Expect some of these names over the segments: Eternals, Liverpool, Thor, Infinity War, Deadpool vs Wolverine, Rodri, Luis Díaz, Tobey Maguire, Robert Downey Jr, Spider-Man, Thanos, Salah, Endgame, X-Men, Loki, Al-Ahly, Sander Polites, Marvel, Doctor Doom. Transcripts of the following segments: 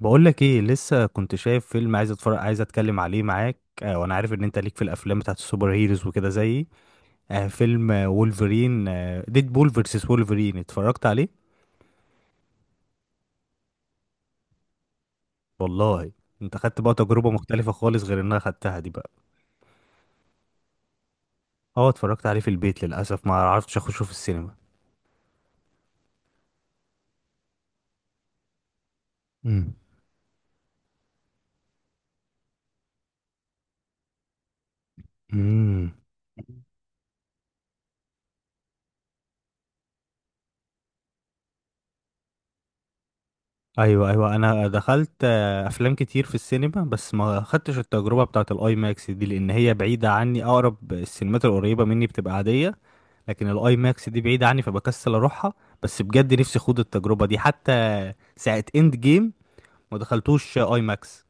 بقولك ايه؟ لسه كنت شايف فيلم، عايز اتفرج عايز اتكلم عليه معاك. وانا عارف ان انت ليك في الافلام بتاعت السوبر هيروز وكده زيي. فيلم وولفرين ديدبول فيرسس وولفرين اتفرجت عليه. والله. انت خدت بقى تجربة مختلفة خالص غير انها خدتها دي بقى؟ اه، اتفرجت عليه في البيت، للاسف ما عرفتش اخشه في السينما. امم. امم. ايوه، ايوه، انا دخلت افلام كتير في السينما، بس ما خدتش التجربه بتاعه الاي ماكس دي لان هي بعيده عني. اقرب السينمات القريبه مني بتبقى عاديه، لكن الاي ماكس دي بعيدة عني فبكسل اروحها. بس بجد نفسي اخوض التجربة دي، حتى ساعة اند جيم ما دخلتوش اي ماكس.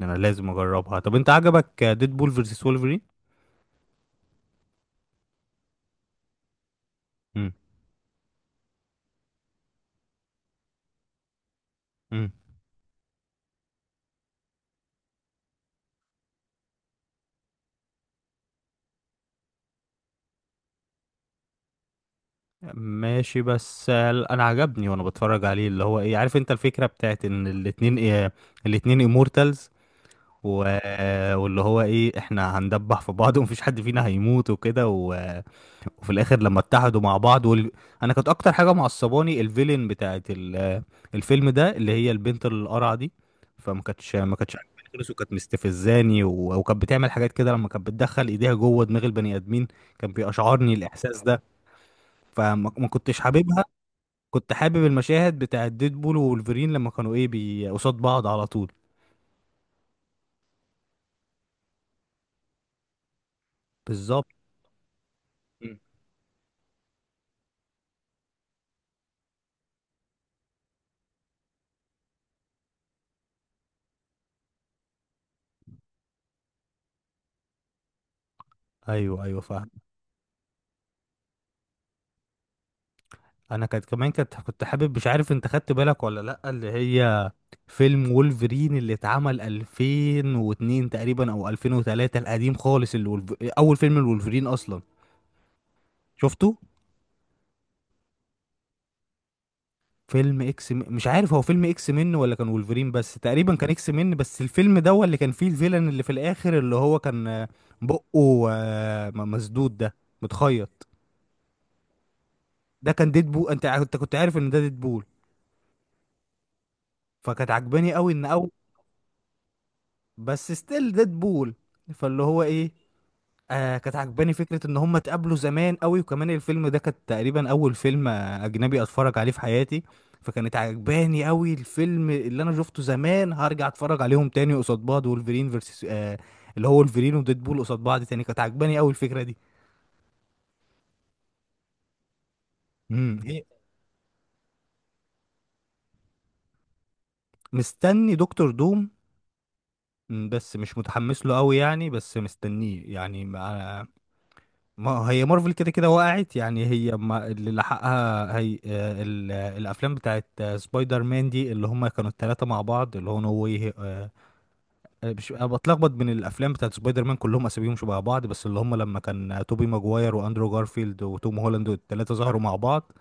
انا لازم اجربها. طب، انت عجبك ديد بول فيرسس وولفرين؟ امم. امم. ماشي، بس انا عجبني وانا بتفرج عليه. اللي هو ايه، عارف انت الفكرة بتاعت ان الاتنين إيه؟ الاتنين امورتالز و... واللي هو ايه، احنا هندبح في بعض ومفيش حد فينا هيموت وكده وفي الاخر لما اتحدوا مع بعض انا كانت اكتر حاجه معصباني الفيلن بتاعت الفيلم ده، اللي هي البنت القرعه دي. فما كانتش ما كانتش عاجباني خالص، وكانت مستفزاني وكانت بتعمل حاجات كده، لما كانت بتدخل ايديها جوه دماغ البني ادمين كان بيشعرني الاحساس ده. فما ما كنتش حاببها. كنت حابب المشاهد بتاعت ديدبول وولفرين لما كانوا ايه، قصاد بعض على طول. بالظبط. مم. ايوه، ايوه، فاهم. انا كانت كمان كانت كنت حابب، مش عارف انت خدت بالك ولا لا، اللي هي فيلم وولفرين اللي اتعمل 2002 تقريبا او 2003، القديم خالص، اللي اول فيلم الولفرين اصلا شفته. فيلم مش عارف هو فيلم اكس من ولا كان وولفرين، بس تقريبا كان اكس من. بس الفيلم ده هو اللي كان فيه الفيلن اللي في الاخر، اللي هو كان بقه مسدود ده، متخيط. ده كان ديدبول. انت كنت عارف ان ده ديدبول؟ فكانت عجباني قوي ان بس ستيل ديدبول. فاللي هو ايه، كانت عجباني فكرة ان هم اتقابلوا زمان قوي. وكمان الفيلم ده كان تقريبا اول فيلم اجنبي اتفرج عليه في حياتي. فكانت عجباني قوي الفيلم اللي انا شفته زمان، هرجع اتفرج عليهم تاني قصاد بعض، وولفرين versus اللي هو ولفرين وديدبول قصاد بعض تاني. كانت عجباني قوي الفكرة دي. امم. إيه؟ مستني دكتور دوم. بس مش متحمس له قوي يعني، بس مستنيه يعني. ما هي مارفل كده كده وقعت يعني، هي ما اللي لحقها هي الافلام بتاعت سبايدر مان دي اللي هم كانوا الثلاثه مع بعض، اللي هو نو واي مش انا بتلخبط بين الافلام بتاعت سبايدر مان، كلهم اساميهم شبه بعض. بس اللي هم لما كان توبي ماجواير واندرو جارفيلد وتوم هولاند والثلاثه ظهروا مع بعض.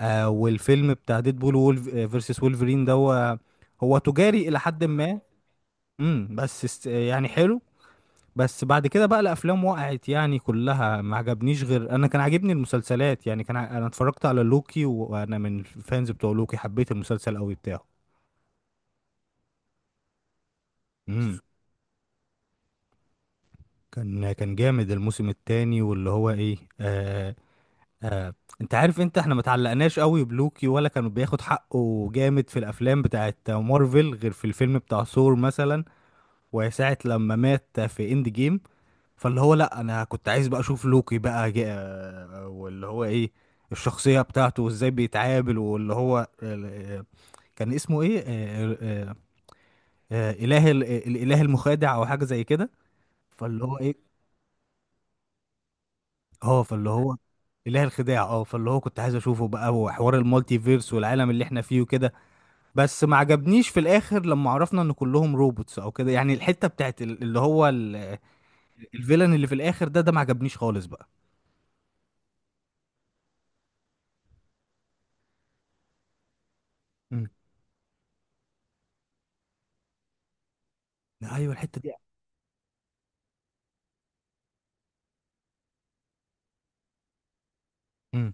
والفيلم بتاع ديدبول وولف فيرسس وولفرين ده هو تجاري الى حد ما. بس يعني حلو. بس بعد كده بقى الافلام وقعت يعني كلها، ما عجبنيش. غير انا كان عاجبني المسلسلات، يعني انا اتفرجت على لوكي وانا من الفانز بتوع لوكي، حبيت المسلسل قوي بتاعه. امم. كان جامد الموسم الثاني، واللي هو ايه آه انت عارف احنا ما تعلقناش قوي بلوكي، ولا كان بياخد حقه جامد في الافلام بتاعت مارفل، غير في الفيلم بتاع ثور مثلا وساعة لما مات في اند جيم. فاللي هو، لا، انا كنت عايز بقى اشوف لوكي بقى واللي هو ايه، الشخصية بتاعته وازاي بيتعامل، واللي هو كان اسمه ايه؟ اله الاله المخادع او حاجة زي كده. فاللي هو ايه، اه، فاللي هو اله الخداع. اه، فاللي هو كنت عايز اشوفه بقى، وحوار المالتي فيرس والعالم اللي احنا فيه وكده. بس ما عجبنيش في الاخر لما عرفنا ان كلهم روبوتس او كده يعني. الحتة بتاعت اللي هو الفيلن اللي في الاخر ده، ما عجبنيش خالص بقى. مم. ايوه، الحتة دي. مم.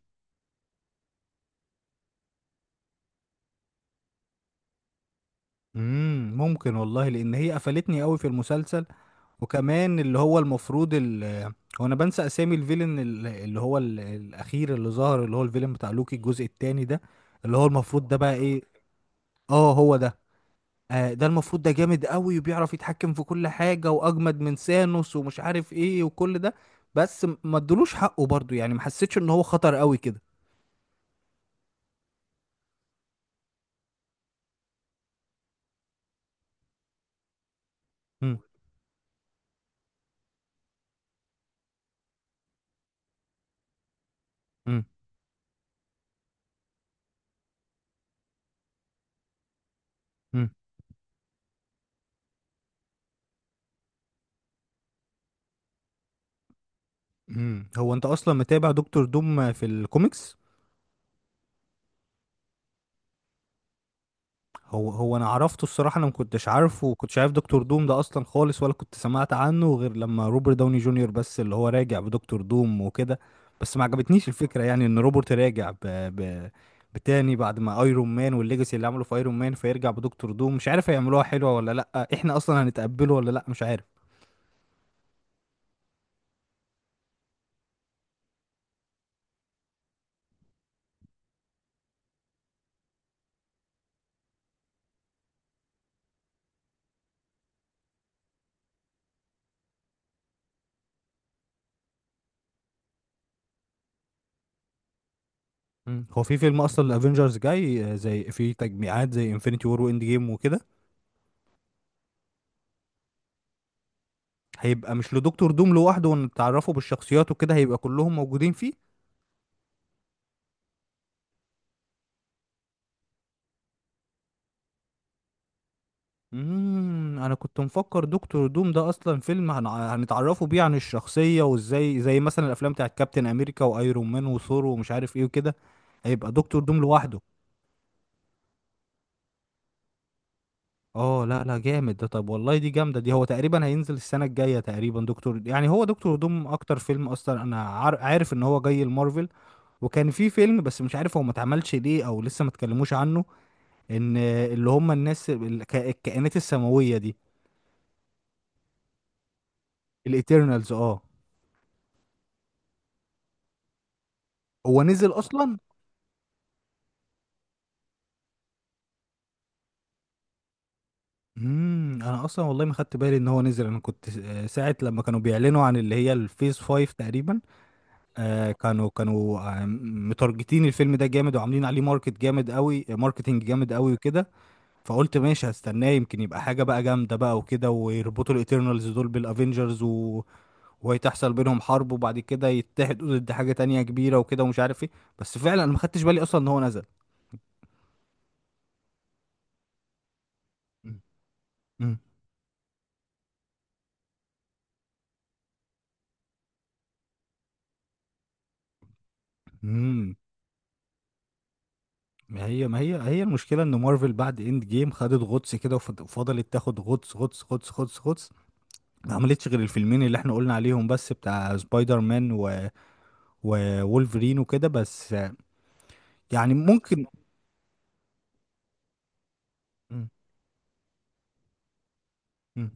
ممكن والله، لان هي قفلتني قوي في المسلسل. وكمان اللي هو المفروض هو انا بنسى اسامي الفيلن اللي هو الاخير اللي ظهر، اللي هو الفيلن بتاع لوكي الجزء الثاني ده، اللي هو المفروض ده بقى ايه؟ اه، هو ده. ده المفروض ده جامد قوي، وبيعرف يتحكم في كل حاجة، واجمد من سانوس ومش عارف ايه وكل ده. بس ما ادلوش حقه برضو يعني، ما حسيتش ان هو خطر قوي كده. امم. امم. امم. هو انت اصلا متابع دكتور دوم في الكوميكس؟ هو انا عرفته الصراحه، انا ما كنتش عارفه وكنتش عارف دكتور دوم ده اصلا خالص، ولا كنت سمعت عنه غير لما روبرت داوني جونيور، بس اللي هو راجع بدكتور دوم وكده. بس ما عجبتنيش الفكره يعني، ان روبرت راجع بتاني بعد ما ايرون مان والليجاسي اللي عملوا في ايرون مان، فيرجع بدكتور دوم. مش عارف هيعملوها حلوه ولا لا، احنا اصلا هنتقبله ولا لا، مش عارف. مم. هو في فيلم اصلا الافينجرز جاي زي في تجميعات زي انفينيتي وور واند جيم وكده؟ هيبقى مش لدكتور دوم لوحده، ونتعرفوا بالشخصيات وكده، هيبقى كلهم موجودين فيه. انا كنت مفكر دكتور دوم ده اصلا فيلم هنتعرفوا بيه عن الشخصيه وازاي، زي مثلا الافلام بتاعت كابتن امريكا وايرون مان وثور ومش عارف ايه وكده، هيبقى دكتور دوم لوحده. اه، لا، لا، جامد ده. طب والله دي جامده دي. هو تقريبا هينزل السنه الجايه تقريبا دكتور، يعني هو دكتور دوم اكتر فيلم اصلا انا عارف ان هو جاي المارفل. وكان في فيلم بس مش عارف هو ما اتعملش ليه او لسه ما اتكلموش عنه، ان اللي هم الناس الكائنات السماويه دي، الايترنالز. اه، هو نزل اصلا؟ انا اصلا والله ما خدت بالي ان هو نزل. انا كنت ساعه لما كانوا بيعلنوا عن اللي هي الفيز 5 تقريبا، كانوا متارجتين الفيلم ده جامد، وعاملين عليه ماركتنج جامد قوي وكده. فقلت ماشي هستناه، يمكن يبقى حاجه بقى جامده بقى وكده، ويربطوا الاترنالز دول بالافنجرز وهيتحصل بينهم حرب، وبعد كده يتحدوا ضد حاجه تانية كبيره وكده ومش عارف ايه. بس فعلا انا ما خدتش بالي اصلا ان هو نزل. امم. ما هي هي المشكله ان مارفل بعد اند جيم خدت غطس كده، وفضلت تاخد غطس غطس غطس غطس غطس. ما عملتش غير الفيلمين اللي احنا قلنا عليهم بس، بتاع سبايدر مان وولفرين وكده، بس يعني ممكن. مم. مم.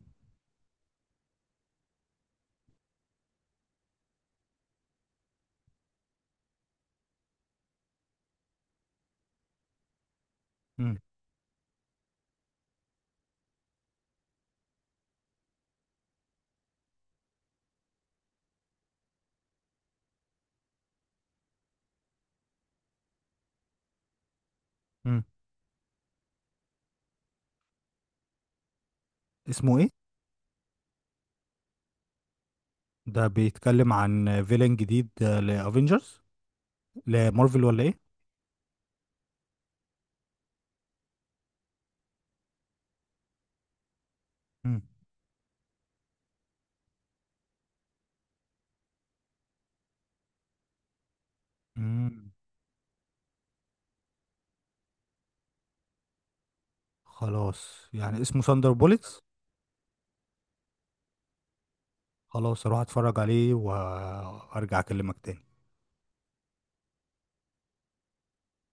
مم. مم. اسمه ايه؟ ده بيتكلم عن فيلن جديد لافنجرز، لمارفل ولا ايه؟ مم. مم. خلاص، يعني اسمه ساندر بوليتس. خلاص، اروح اتفرج عليه وارجع اكلمك تاني.